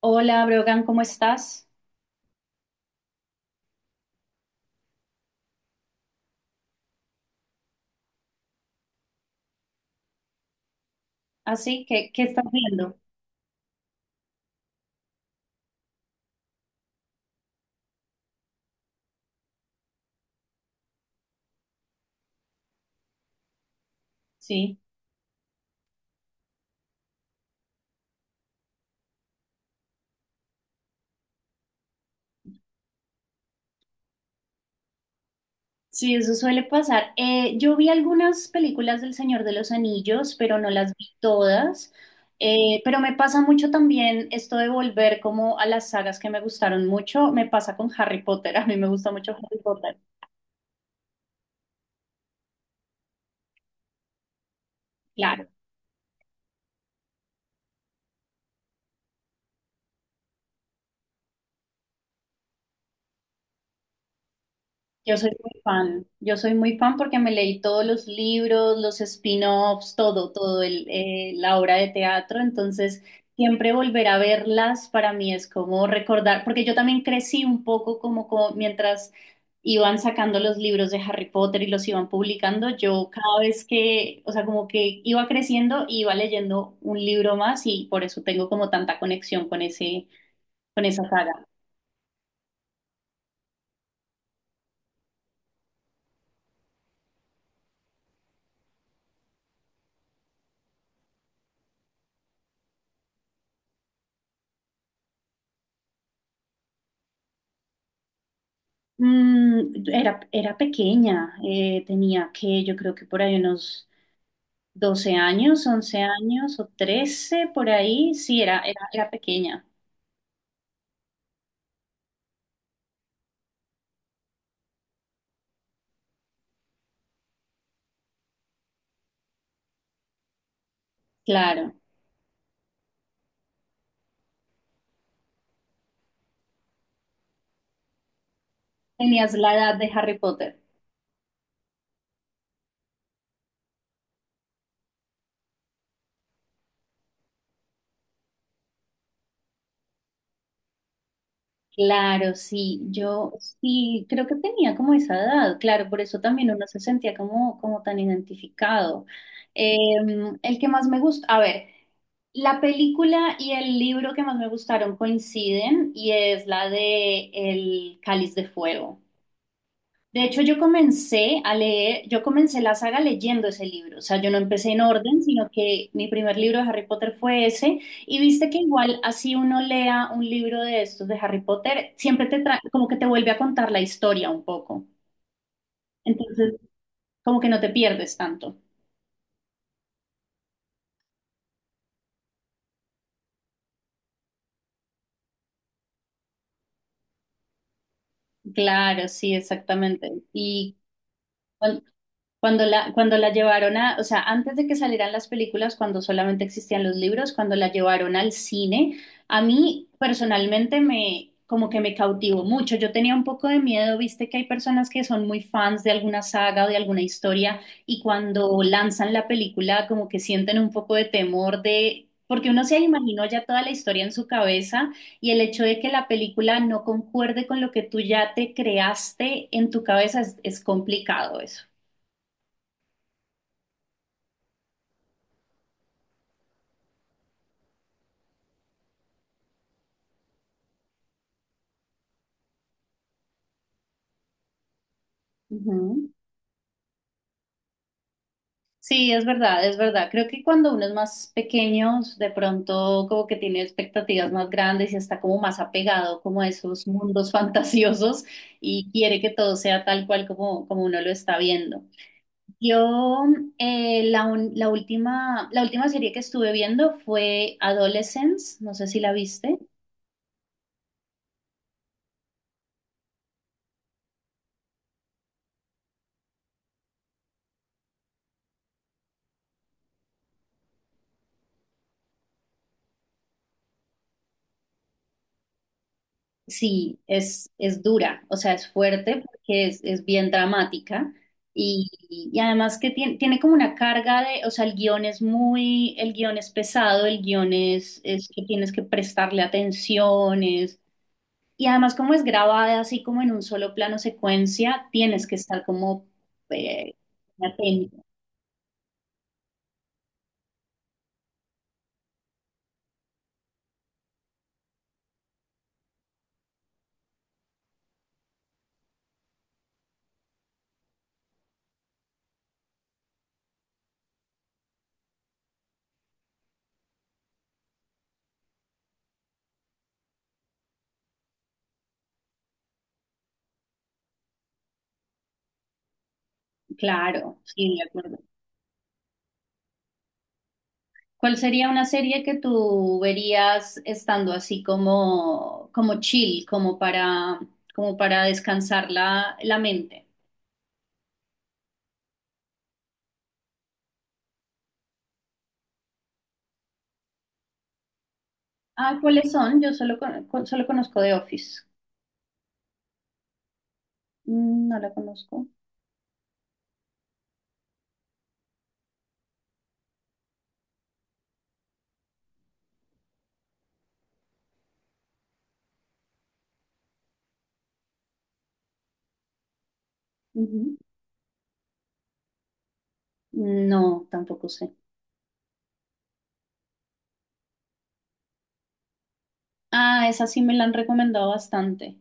Hola, Brogan, ¿cómo estás? Así, ¿qué estás viendo? Sí, sí, eso suele pasar. Yo vi algunas películas del Señor de los Anillos, pero no las vi todas. Pero me pasa mucho también esto de volver como a las sagas que me gustaron mucho. Me pasa con Harry Potter. A mí me gusta mucho Harry Potter. Claro. Yo soy muy fan porque me leí todos los libros, los spin-offs, todo, todo, la obra de teatro, entonces siempre volver a verlas para mí es como recordar, porque yo también crecí un poco como mientras iban sacando los libros de Harry Potter y los iban publicando, yo cada vez que, o sea, como que iba creciendo, iba leyendo un libro más y por eso tengo como tanta conexión con ese, con esa saga. Era pequeña, tenía que, yo creo que por ahí unos 12 años, once años o 13 por ahí, sí, era pequeña, claro. Tenías la edad de Harry Potter. Claro, sí, yo sí creo que tenía como esa edad, claro, por eso también uno se sentía como tan identificado. Eh, el que más me gusta, a ver, la película y el libro que más me gustaron coinciden y es la de El Cáliz de Fuego. De hecho, yo comencé la saga leyendo ese libro, o sea, yo no empecé en orden, sino que mi primer libro de Harry Potter fue ese, y viste que igual así uno lea un libro de estos de Harry Potter, siempre te trae, como que te vuelve a contar la historia un poco, entonces como que no te pierdes tanto. Claro, sí, exactamente. Y cuando la llevaron a, o sea, antes de que salieran las películas, cuando solamente existían los libros, cuando la llevaron al cine, a mí personalmente me, como que me cautivó mucho. Yo tenía un poco de miedo, viste que hay personas que son muy fans de alguna saga o de alguna historia y cuando lanzan la película como que sienten un poco de temor de. Porque uno se imaginó ya toda la historia en su cabeza y el hecho de que la película no concuerde con lo que tú ya te creaste en tu cabeza es complicado eso. Ujú. Sí, es verdad. Creo que cuando uno es más pequeño, de pronto como que tiene expectativas más grandes y está como más apegado como a esos mundos fantasiosos y quiere que todo sea tal cual como uno lo está viendo. Yo la última serie que estuve viendo fue Adolescence, no sé si la viste. Sí, es dura, o sea, es fuerte porque es bien dramática y además que tiene como una carga de, o sea, el guión es muy, el guión es pesado, el guión es que tienes que prestarle atención, es- y además como es grabada así como en un solo plano secuencia, tienes que estar como eh, atento, claro, sí, de acuerdo. ¿Cuál sería una serie que tú verías estando así como, como chill, como para, como para descansar la, la mente? Ah, ¿cuáles son? Yo solo, solo conozco The Office. No la conozco. Ujú. No, tampoco sé. Ah, esa sí me la han recomendado bastante.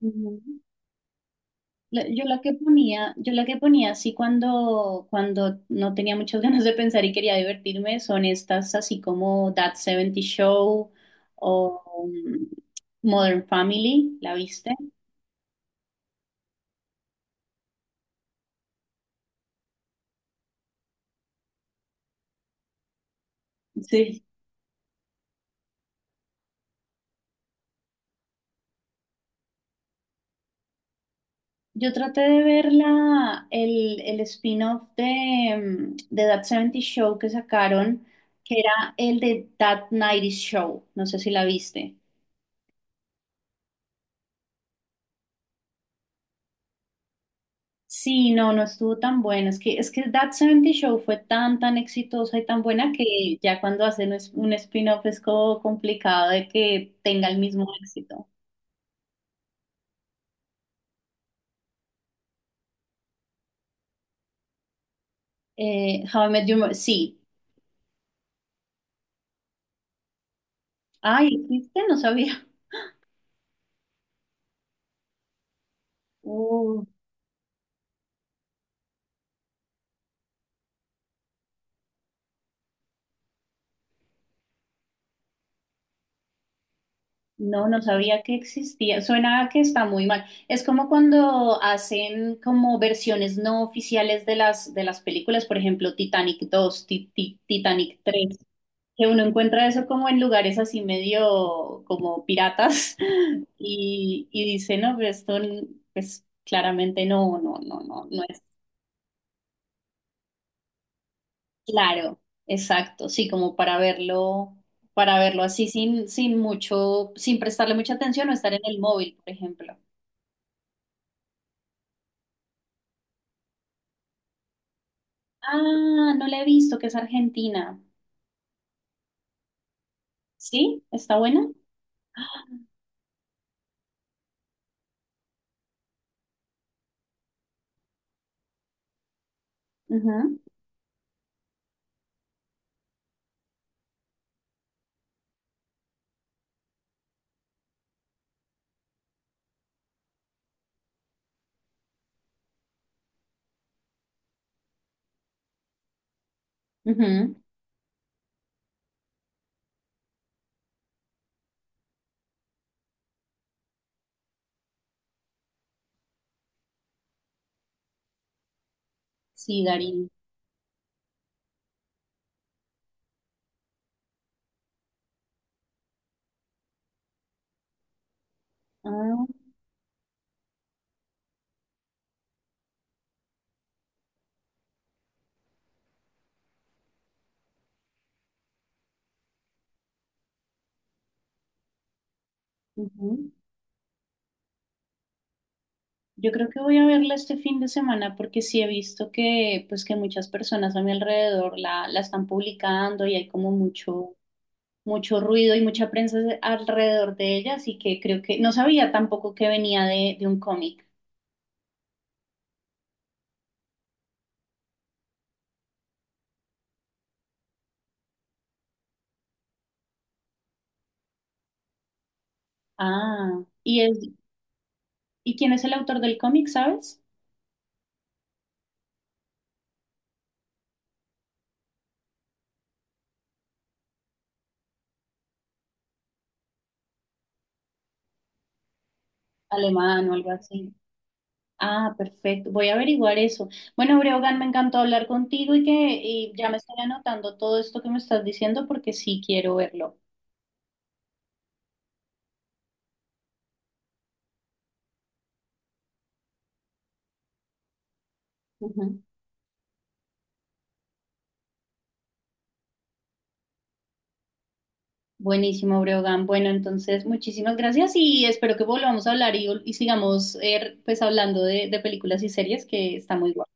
Ujú. Yo la que ponía así cuando, cuando no tenía muchas ganas de pensar y quería divertirme son estas así como That 70 Show o mm, Modern Family, ¿la viste? Sí. Yo traté de ver la, el spin-off de, de That 70 Show que sacaron, que era el de That 90 Show, no sé si la viste. Sí, no, no estuvo tan bueno. Es que That 70 Show fue tan exitosa y tan buena que ya cuando hacen un spin-off es como complicado de que tenga el mismo éxito. How I Met Your Mother, sí. Ay, ¿existe? No sabía. Uh, no, no sabía que existía. Suena a que está muy mal. Es como cuando hacen como versiones no oficiales de las películas, por ejemplo, Titanic 2, Titanic 3. Que uno encuentra eso como en lugares así medio como piratas y dice, no, pero esto n- pues claramente no es claro, exacto, sí, como para verlo así sin, sin mucho, sin prestarle mucha atención o estar en el móvil, por ejemplo. Ah, no la he visto, que es Argentina. ¿Sí? ¿Está buena? Ujú, ujú. Sí, Darín. Ah, ujú. Yo creo que voy a verla este fin de semana porque sí he visto que, pues, que muchas personas a mi alrededor la están publicando y hay como mucho, mucho ruido y mucha prensa alrededor de ella, así que creo que no sabía tampoco que venía de un cómic. Ah, ¿y, es, ¿y quién es el autor del cómic, sabes? Alemán o algo así. Ah, perfecto. Voy a averiguar eso. Bueno, Breogán, me encantó hablar contigo y que y ya me estoy anotando todo esto que me estás diciendo porque sí quiero verlo. Ujú. Buenísimo, Breogán. Bueno, entonces, muchísimas gracias y espero que volvamos a hablar y sigamos pues hablando de películas y series que está muy guay.